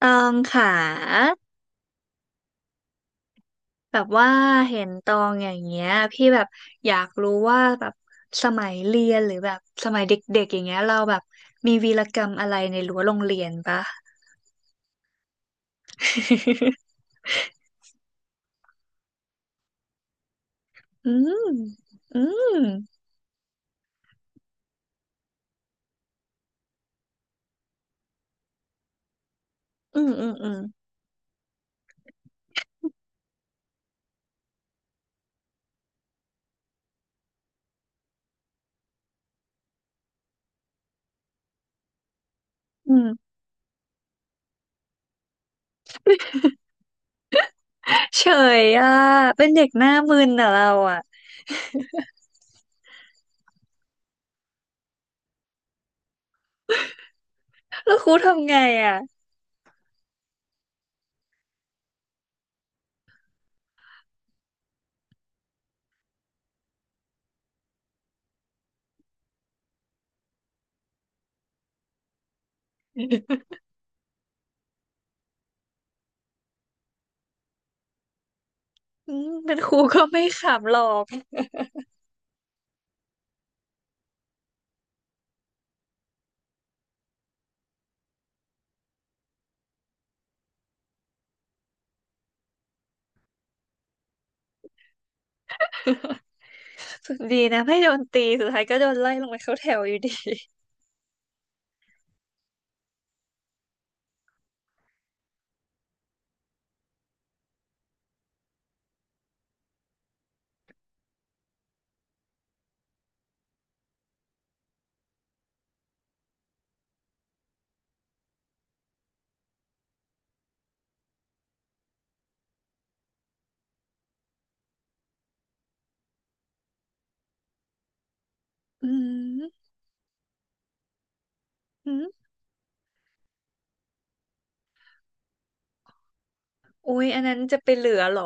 ตองค่ะแบบว่าเห็นตองอย่างเงี้ยพี่แบบอยากรู้ว่าแบบสมัยเรียนหรือแบบสมัยเด็กๆอย่างเงี้ยเราแบบมีวีรกรรมอะไรในรั้วโรงเรียนปะ อืมอืมอืมอืมอืมอืมเฉยอ่ะเป็นเด็กหน้ามึนอ่ะเราอ่ะแล้วครูทำไงอ่ะอืมเป็นครูก็ไม่ขำหรอกสุดดีนะไม่โดนตีสุดท้ายก็โดนไล่ลงไปเข้าแถวอยู่ดี อืม อุ๊ยอันนั้นจะไปเหลือเหรอ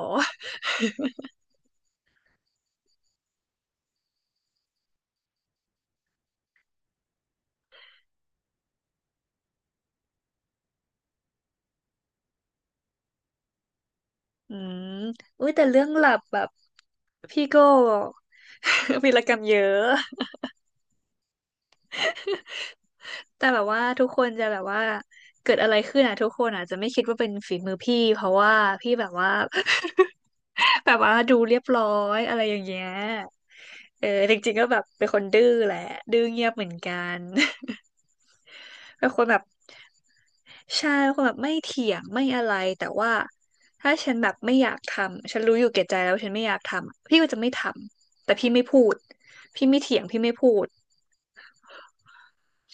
อืมอุ๊ยแต่เรื่องหลับแบบพี่โก้ วีรกรรมเยอะแต่แบบว่าทุกคนจะแบบว่าเกิดอะไรขึ้นอ่ะทุกคนอาจจะไม่คิดว่าเป็นฝีมือพี่เพราะว่าพี่แบบว่า แบบว่าดูเรียบร้อยอะไรอย่างเงี้ยเออจริงๆก็แบบเป็นคนดื้อแหละดื้อเงียบเหมือนกัน เป็นคนแบบใช่เป็นคนแบบไม่เถียงไม่อะไรแต่ว่าถ้าฉันแบบไม่อยากทำฉันรู้อยู่แก่ใจแล้ววาฉันไม่อยากทำพี่ก็จะไม่ทำแต่พี่ไม่พูดพี่ไม่เถียงพี่ไม่พูด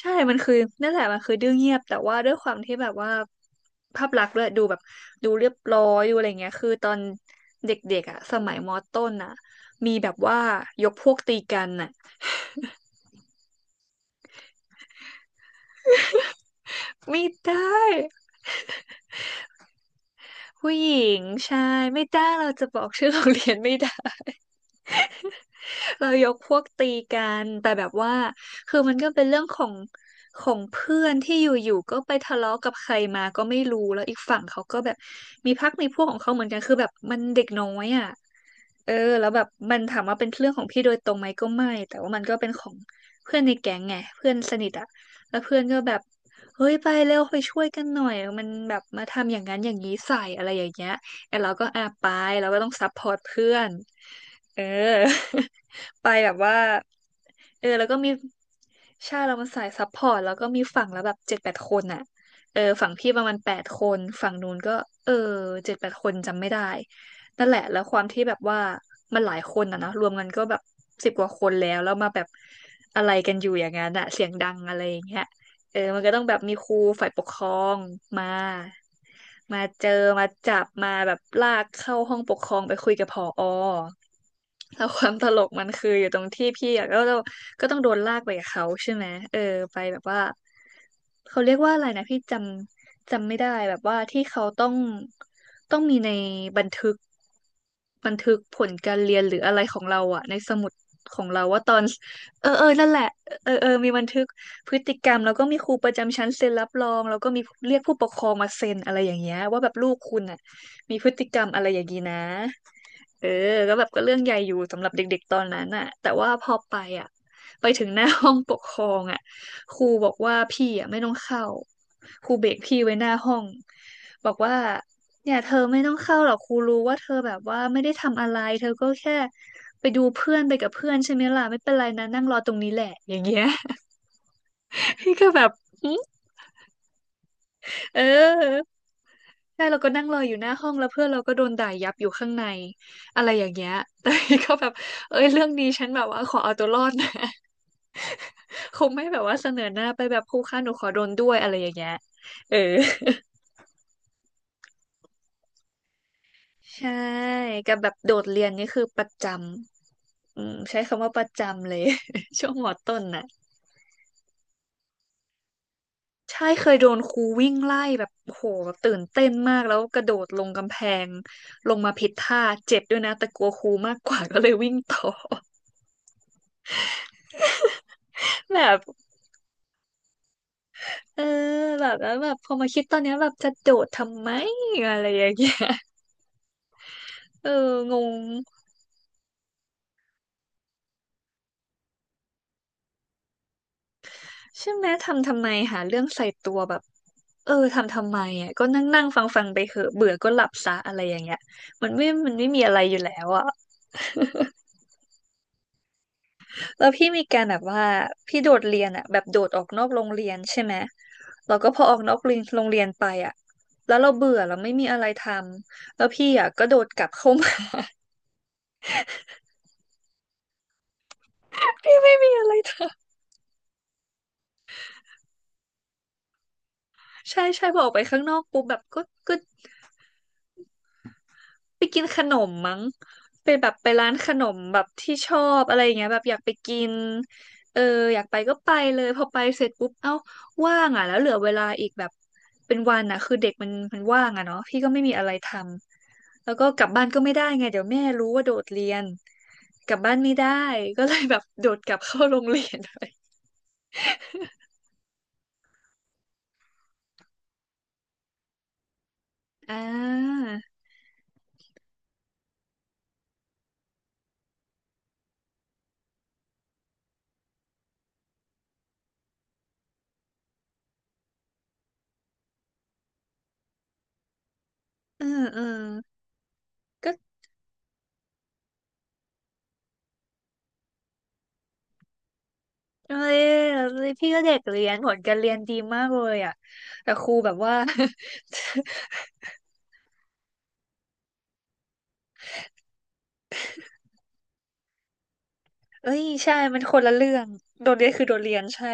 ใช่มันคือนั่นแหละมันคือดื้อเงียบแต่ว่าด้วยความที่แบบว่าภาพลักษณ์ด้วยดูแบบดูเรียบร้อยดูอะไรเงี้ยคือตอนเด็กๆอ่ะสมัยมอต้นอ่ะมีแบบว่ายกพวกตีกันอ่ะไม่ได้ผู้หญิงใช่ไม่ได้เราจะบอกชื่อโรงเรียนไม่ได้ เรายกพวกตีกันแต่แบบว่าคือมันก็เป็นเรื่องของของเพื่อนที่อยู่ๆก็ไปทะเลาะกับใครมาก็ไม่รู้แล้วอีกฝั่งเขาก็แบบมีพรรคมีพวกของเขาเหมือนกันคือแบบมันเด็กน้อยอ่ะเออแล้วแบบมันถามว่าเป็นเรื่องของพี่โดยตรงไหมก็ไม่แต่ว่ามันก็เป็นของเพื่อนในแก๊งไงเพื่อนสนิทอ่ะแล้วเพื่อนก็แบบเฮ้ยไปเร็วไปช่วยกันหน่อยมันแบบมาทำอย่างนั้นอย่างนี้ใส่อะไรอย่างเงี้ย ไอ้เราก็อ่ะไปเราก็ต้องซัพพอร์ตเพื่อนเออ ไปแบบว่าเออแล้วก็มีใช่เรามันสายซัพพอร์ตแล้วก็มีฝั่งแล้วแบบเจ็ดแปดคนอ่ะเออฝั่งพี่ประมาณแปดคนฝั่งนู้นก็เออเจ็ดแปดคนจำไม่ได้นั่นแหละแล้วความที่แบบว่ามันหลายคนอ่ะนะรวมกันก็แบบสิบกว่าคนแล้วแล้วมาแบบอะไรกันอยู่อย่างนั้นอะเสียงดังอะไรอย่างเงี้ย เออมันก็ต้องแบบมีครูฝ่ายปกครองมามาเจอ มาจับมาแบบลากเข้าห้องปกครองไปคุยกับผอแล้วความตลกมันคืออยู่ตรงที่พี่อะก็ต้องโดนลากไปกับเขาใช่ไหมเออไปแบบว่าเขาเรียกว่าอะไรนะพี่จำไม่ได้แบบว่าที่เขาต้องมีในบันทึกบันทึกผลการเรียนหรืออะไรของเราอะในสมุดของเราว่าตอนเออเออนั่นแหละเออเออมีบันทึก พฤติกรรมแล้วก็มีครูประจำชั้นเซ็นรับรองแล้วก็มีเรียกผู้ปกครองมาเซ็นอะไรอย่างเงี้ยว่าแบบลูกคุณอ่ะมีพฤติกรรมอะไรอย่างงี้นะเออก็แบบก็เรื่องใหญ่อยู่สำหรับเด็กๆตอนนั้นอ่ะแต่ว่าพอไปอ่ะไปถึงหน้าห้องปกครองอ่ะครูบอกว่าพี่อ่ะไม่ต้องเข้าครูเบรกพี่ไว้หน้าห้องบอกว่าเนี่ยเธอไม่ต้องเข้าหรอกครูรู้ว่าเธอแบบว่าไม่ได้ทำอะไรเธอก็แค่ไปดูเพื่อนไปกับเพื่อนใช่ไหมล่ะไม่เป็นไรนะนั่งรอตรงนี้แหละอย่างเงี้ย พี่ก็แบบหึเออใช่เราก็นั่งรออยู่หน้าห้องแล้วเพื่อนเราก็โดนด่ายับอยู่ข้างในอะไรอย่างเงี้ยแต่พี่ก็แบบเอ้ยเรื่องนี้ฉันแบบว่าขอเอาตัวรอดนะ คงไม่แบบว่าเสนอหน้าไปแบบครูคะหนูขอโดนด้วยอะไรอย่างเงี้ยเออใช่กับแบบโดดเรียนนี่คือประจำอืมใช้คำว่าประจำเลย ช่วงมอต้นน่ะ ใช่เคยโดนครูวิ่งไล่แบบโหแบบตื่นเต้นมากแล้วกระโดดลงกำแพงลงมาผิดท่าเจ็บด้วยนะแต่กลัวครูมากกว่าก็เลยวิ่งต่อ แบบเออแบบแล้วแบบพอมาคิดตอนเนี้ยแบบจะโดดทำไมอะไรอย่างเงี้ย เอองงใช่ไหมทำทำไมหาเรื่องใส่ตัวแบบเออทำทำไมอ่ะก็นั่งนั่งฟังฟังไปเหอะเบื่อก็หลับซะอะไรอย่างเงี้ยมันไม่มีอะไรอยู่แล้วอ่ะ แล้วพี่มีการแบบว่าพี่โดดเรียนอะแบบโดดออกนอกโรงเรียนใช่ไหมแล้วก็พอออกนอกเรียนโรงเรียนไปอะแล้วเราเบื่อเราไม่มีอะไรทำแล้วพี่อะก็โดดกลับเข้ามา พี่ไม่มีอะไรทำใช่ใช่พอออกไปข้างนอกปุ๊บแบบก็ไปกินขนมมั้งไปแบบไปร้านขนมแบบที่ชอบอะไรอย่างเงี้ยแบบอยากไปกินเอออยากไปก็ไปเลยพอไปเสร็จปุ๊บเอ้าว่างอ่ะแล้วเหลือเวลาอีกแบบเป็นวันอ่ะคือเด็กมันว่างอ่ะเนาะพี่ก็ไม่มีอะไรทำ แล้วก็กลับบ้านก็ไม่ได้ไงเดี๋ยวแม่รู้ว่าโดดเรียนกลับบ้านไม่ได้ก็เลยแบบโดดกลับเข้าโรงเรียนไปอ่าอืมอืมก็เอ้ยพี่ก็เด็กเรียนผลการเรียนดีมากเลยอ่ะแต่ครูแบบว่า เอ้ยใช่มันคนละเรื่องโดดเรียนคือโดดเรียนใช่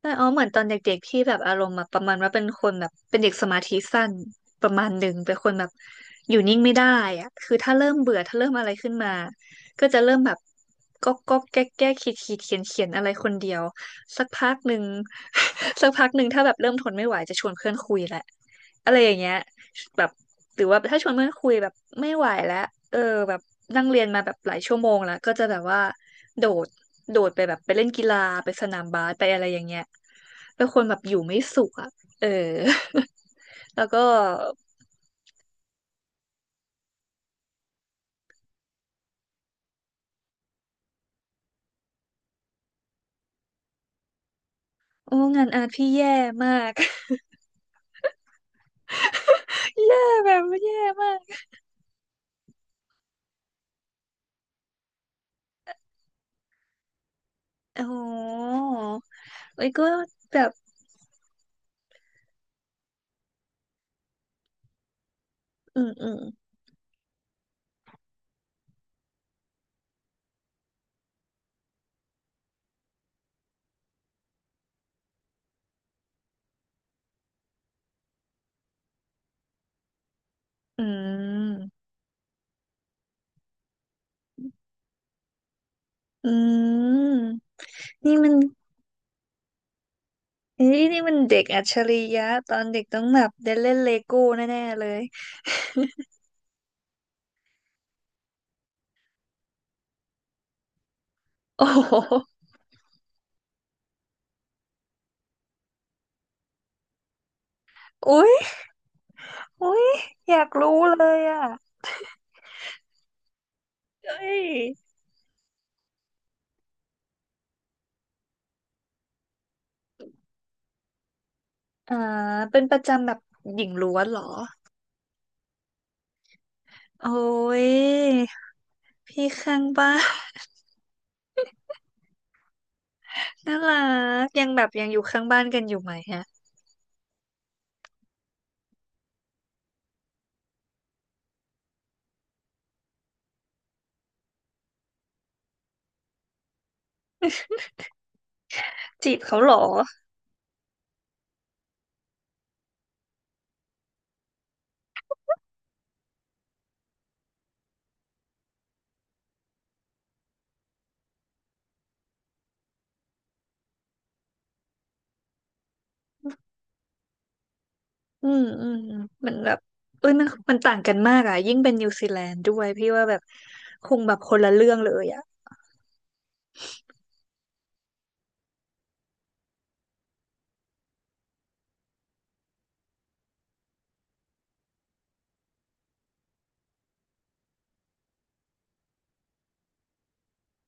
แต่อ๋อเหมือนตอนเด็กๆที่แบบอารมณ์แบบประมาณว่าเป็นคนแบบเป็นเด็กสมาธิสั้นประมาณหนึ่งเป็นคนแบบอยู่นิ่งไม่ได้อะคือถ้าเริ่มเบื่อถ้าเริ่มอะไรขึ้นมาก็จะเริ่มแบบก็แก้แก้ขีดขีดเขียนเขียนอะไรคนเดียวสักพักหนึ่ง สักพักหนึ่งถ้าแบบเริ่มทนไม่ไหวจะชวนเพื่อนคุยแหละอะไรอย่างเงี้ยแบบ หรือว่าถ้าชวนเพื่อนคุยแบบไม่ไหวแล้วเออแบบนั่งเรียนมาแบบหลายชั่วโมงแล้วก็จะแบบว่าโดดโดดไปแบบไปเล่นกีฬาไปสนามบาสไปอะไรอย่างเงี้ยเป็นคนแบบอยู่ไม่สุขอ่ะเออ แล้วก็โอ้งานอาร์ตพี่แย่มาก แย่แบบแย่มากอ๋อเอ้ยก็แบบอืมอืมอืมอืมนี่มัน เฮ้ยนี่มันเด็กอัจฉริยะตอนเด็กต้องแบบได้เล่นเลโก้แน่ๆเลย โอ้โหอุ๊ยอุ๊ยอยากรู้เลยอ่ะเอ้ยอ่าเป็นประจำแบบหญิงล้วนเหรอโอ้ยพี่ข้างบ้าน น่ารักยังแบบยังอยู่ข้างบ้านกันอยู่ไหมฮะจีบเขาเหรออืมอืมอืมมันแบบเอ้ยมันมันต่างกันมากอ่ะยิ่งเป็นนิวซีแลนด์ด้วยพี่ว่าแบบคงแบบคนละเรื่องเลยอ่ะ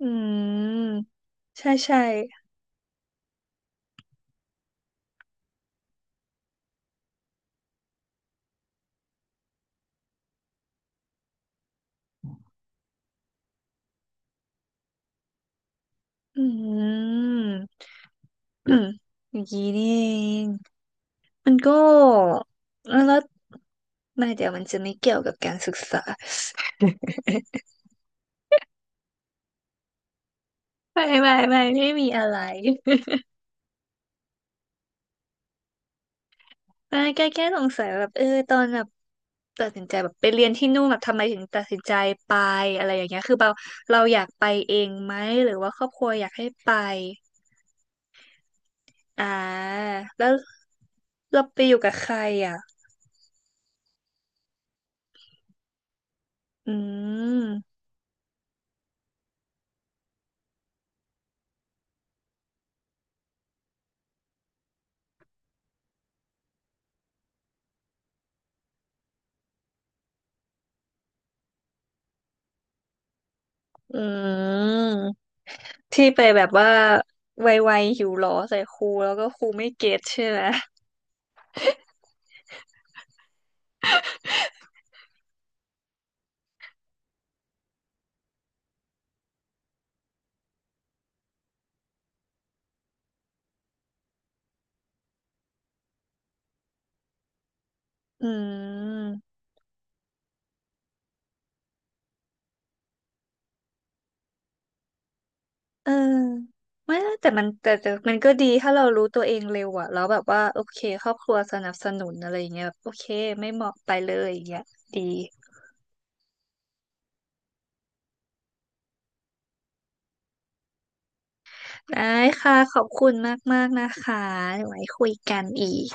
อืมใช่ใช่ อืม อย่างนี้นี่เองมันก็แล้วไม่เดี๋ยวมันจะไม่เกี่ยวกับการศึกษา ไม่ไม่ไม่ไม่มีอะไร ไม่แค่สงสัยแบบเออตอนแบบตัดสินใจแบบไปเรียนที่นู่นแบบทำไมถึงตัดสินใจไปอะไรอย่างเงี้ยคือเราอยากไปเองไหมหรือว่าครอบครัวอยากให้ไปอ่าแล้วเราไปอยู่กับใครอ่ะอืมอืม ที่ไปแบบว่าไวๆหิวหรอใส่ครูแล้วก็ครูไม่เก็ตใช่ไหม อืม เออไม่นะแต่มันแต่แต่มันก็ดีถ้าเรารู้ตัวเองเร็วอะแล้วแบบว่าโอเคครอบครัวสนับสนุนอะไรอย่างเงี้ยแบบโอเคไม่เหมาะไปเลยอย่างเงี้ยดีได้ค่ะขอบคุณมากๆนะคะเดี๋ยวไว้คุยกันอีก